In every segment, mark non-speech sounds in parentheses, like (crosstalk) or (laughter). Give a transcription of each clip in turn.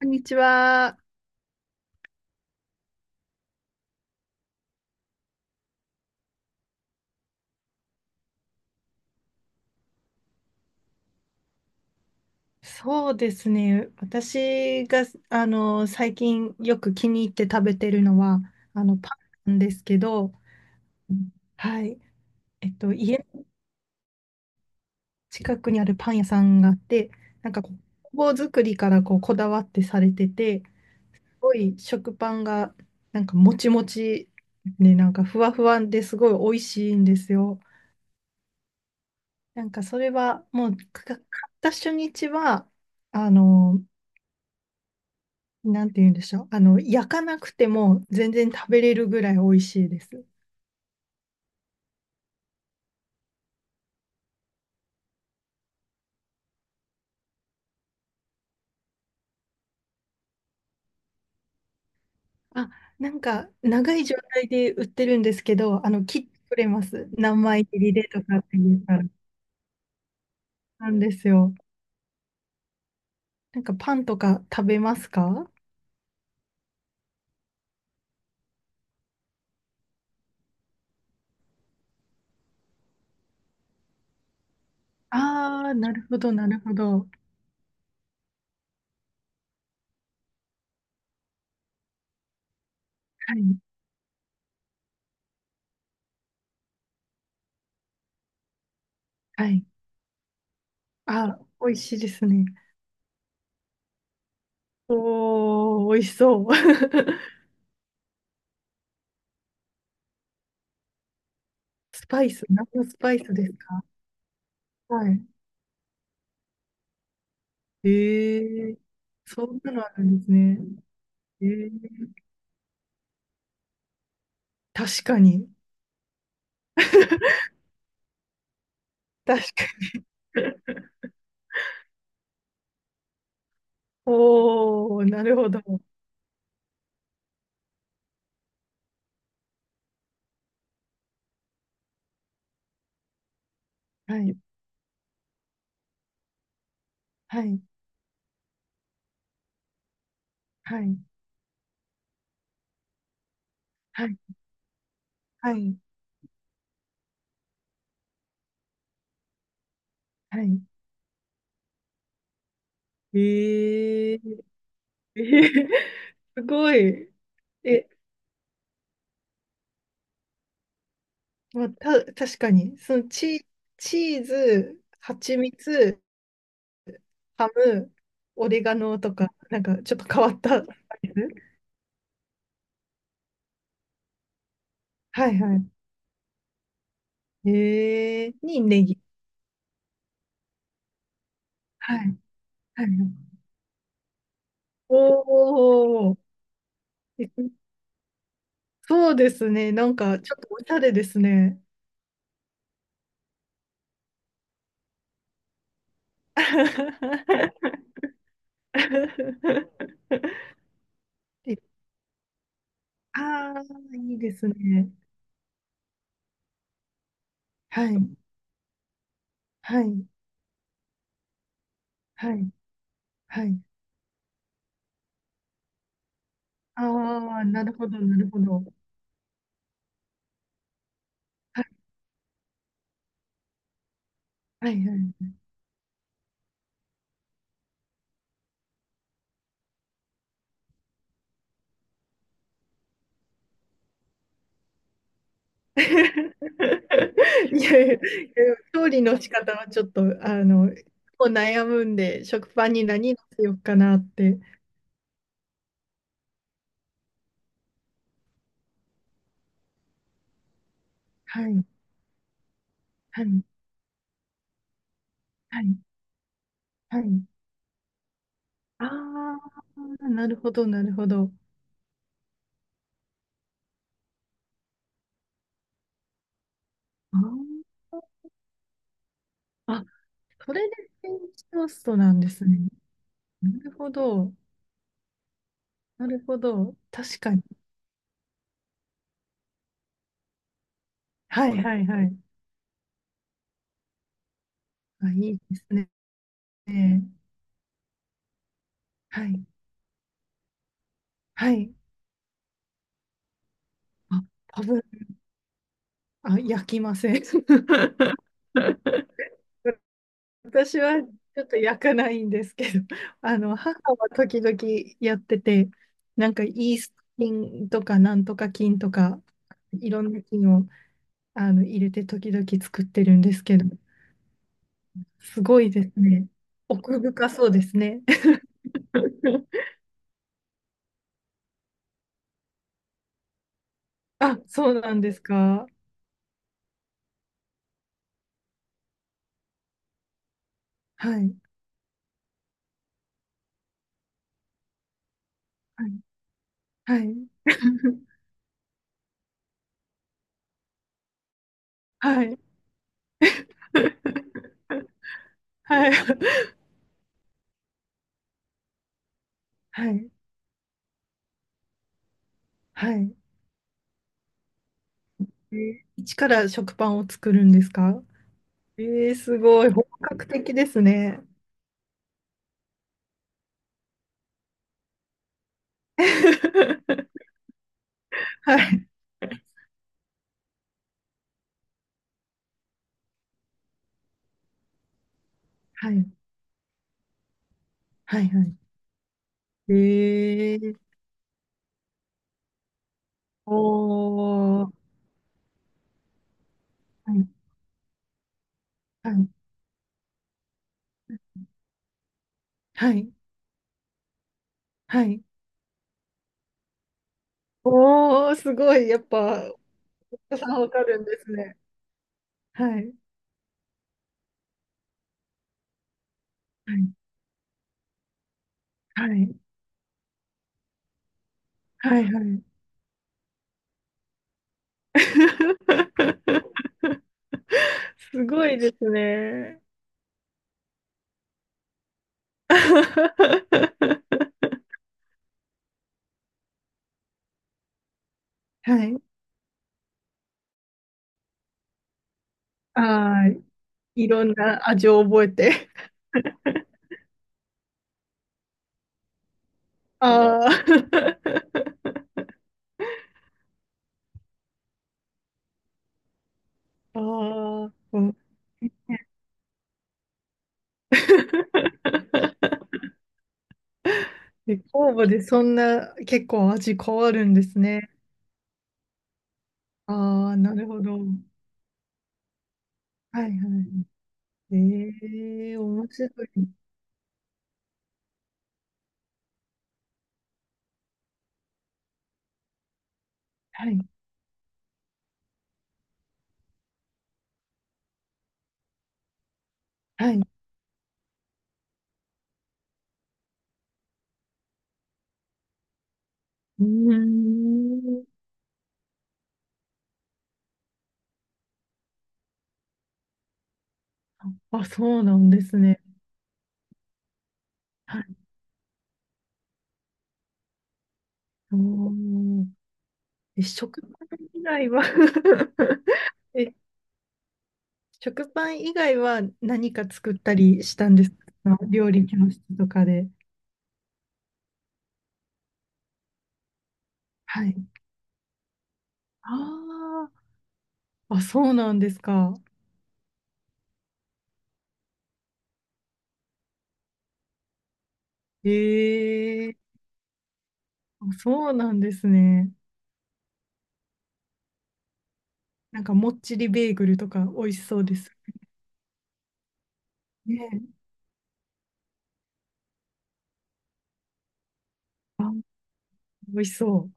こんにちは。そうですね。私が、最近よく気に入って食べてるのは、パンなんですけど、うんはい。家の近くにあるパン屋さんがあって、なんか工房作りからこう、こだわってされてて、すごい食パンが、なんかもちもち、ね、なんかふわふわですごい美味しいんですよ。なんかそれは、もう、買った初日は、あの、なんて言うんでしょう。焼かなくても全然食べれるぐらい美味しいです。あ、なんか、長い状態で売ってるんですけど、切ってくれます。何枚切りでとかって言ったら。なんですよ。なんか、パンとか食べますか？ああー、なるほど、なるほど。はい、はい。あ、美味しいですね。おー、美味しそう。(laughs) スパイス、何のスパイスですか？はい。えー、そんなのあるんですね。えー、確かに。(laughs) 確かに。おー、なるほど。はい、はい、はい、はい、はい、はい。えー、(laughs) えー、すごい。え、まあ、確かに、そのチーズ、蜂蜜、ハム、オレガノとか、なんかちょっと変わったスパイス。はいはい。えー、にネギ。はい、はい。おー、えそうですね。なんかちょっとおしゃれですね。で、ああ、いいですね。はい、はい、はい、はい。ああ、なるほど、なるほど。はい、はい、はい。(laughs) いやいや、いや調理の仕方はちょっと、もう悩むんで、食パンに何乗せようかなって。はい、はい、はい、はい。ああ、なるほど、なるほど。あーあ、それでフレンチトーストなんですね。なるほど。なるほど。確かに。はいはいはい。あ、いいですね。はい。はい。あ、多分、あ、焼きません。(laughs) 私はちょっと焼かないんですけど、母は時々やってて、なんかイースト菌とかなんとか菌とか、いろんな菌を入れて時々作ってるんですけど、すごいですね。奥深そうですね。(laughs) あ、そうなんですか。はい。はい。はい。(laughs) はい。(laughs) はい。はい。はい。えー一から食パンを作るんですか？えー、すごい。本格的ですね。(laughs) はい。はい。はい。はい。えー、おー。はい。はい。はい。はいおー、すごい。やっぱ、お子さんわかるんですね。はい。はい。はい。はい。はい。(laughs) すごいですね。(laughs) はい。ああ、いろんな味を覚えて。(laughs) ああ。あ (laughs) あ、うん。(laughs) で、酵母でそんな結構味変わるんですね。ああ、なるほど。はいはい。ええ、面白い。はい。はい。うーん。あ、そうなんですね。おーえ、食パン以外は (laughs) え、食パン以外は何か作ったりしたんですか？料理教室とかで。はい。あーあ、そうなんですか。ええそうなんですね。なんかもっちりベーグルとか美味しそうです。ねえ、あ、美味しそう。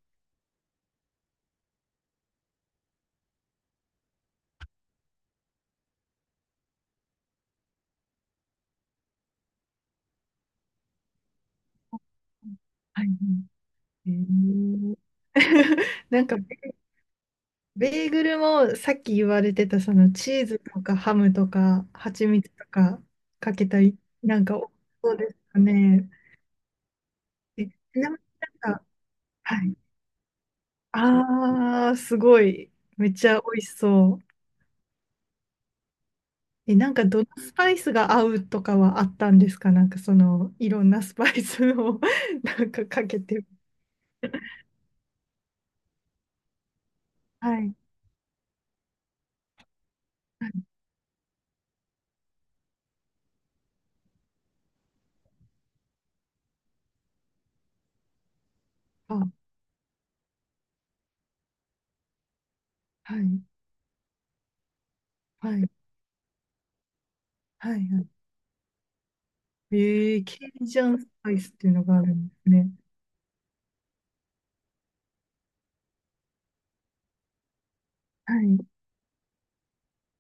はい。えー (laughs) なんかベーグルもさっき言われてたそのチーズとかハムとか蜂蜜とかかけたり、なんか美味しそうですかね。ちなみになんか、はい。あー、すごい。めっちゃ美味しそう。なんかどのスパイスが合うとかはあったんですか？なんかそのいろんなスパイスを (laughs) なんかかけて。はい。はいあ、はい。はい。はい。はいえー、ケイジャンスパイスっていうのがあるんですね。はい。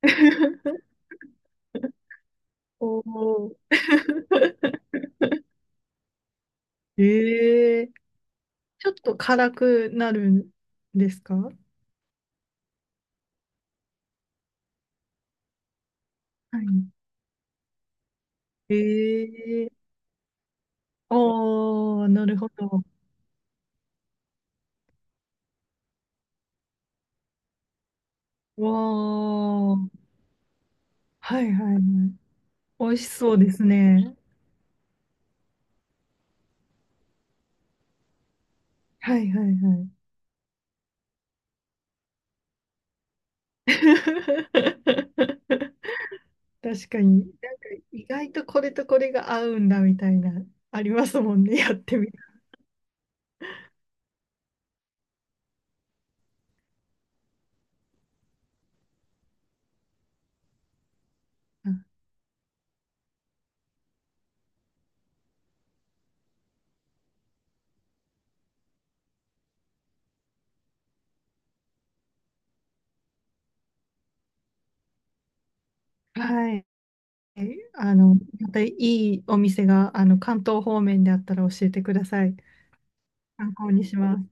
(laughs) おお。(laughs) ええちょっと辛くなるんですか？はい。ええああ、なるほど。わあ。はいはいはい。美味しそうですね。はいはいはい。(laughs) 確かに。なんか意外とこれとこれが合うんだみたいな、ありますもんね。やってみたら。はい。え、またいいお店が、関東方面であったら教えてください。参考にします。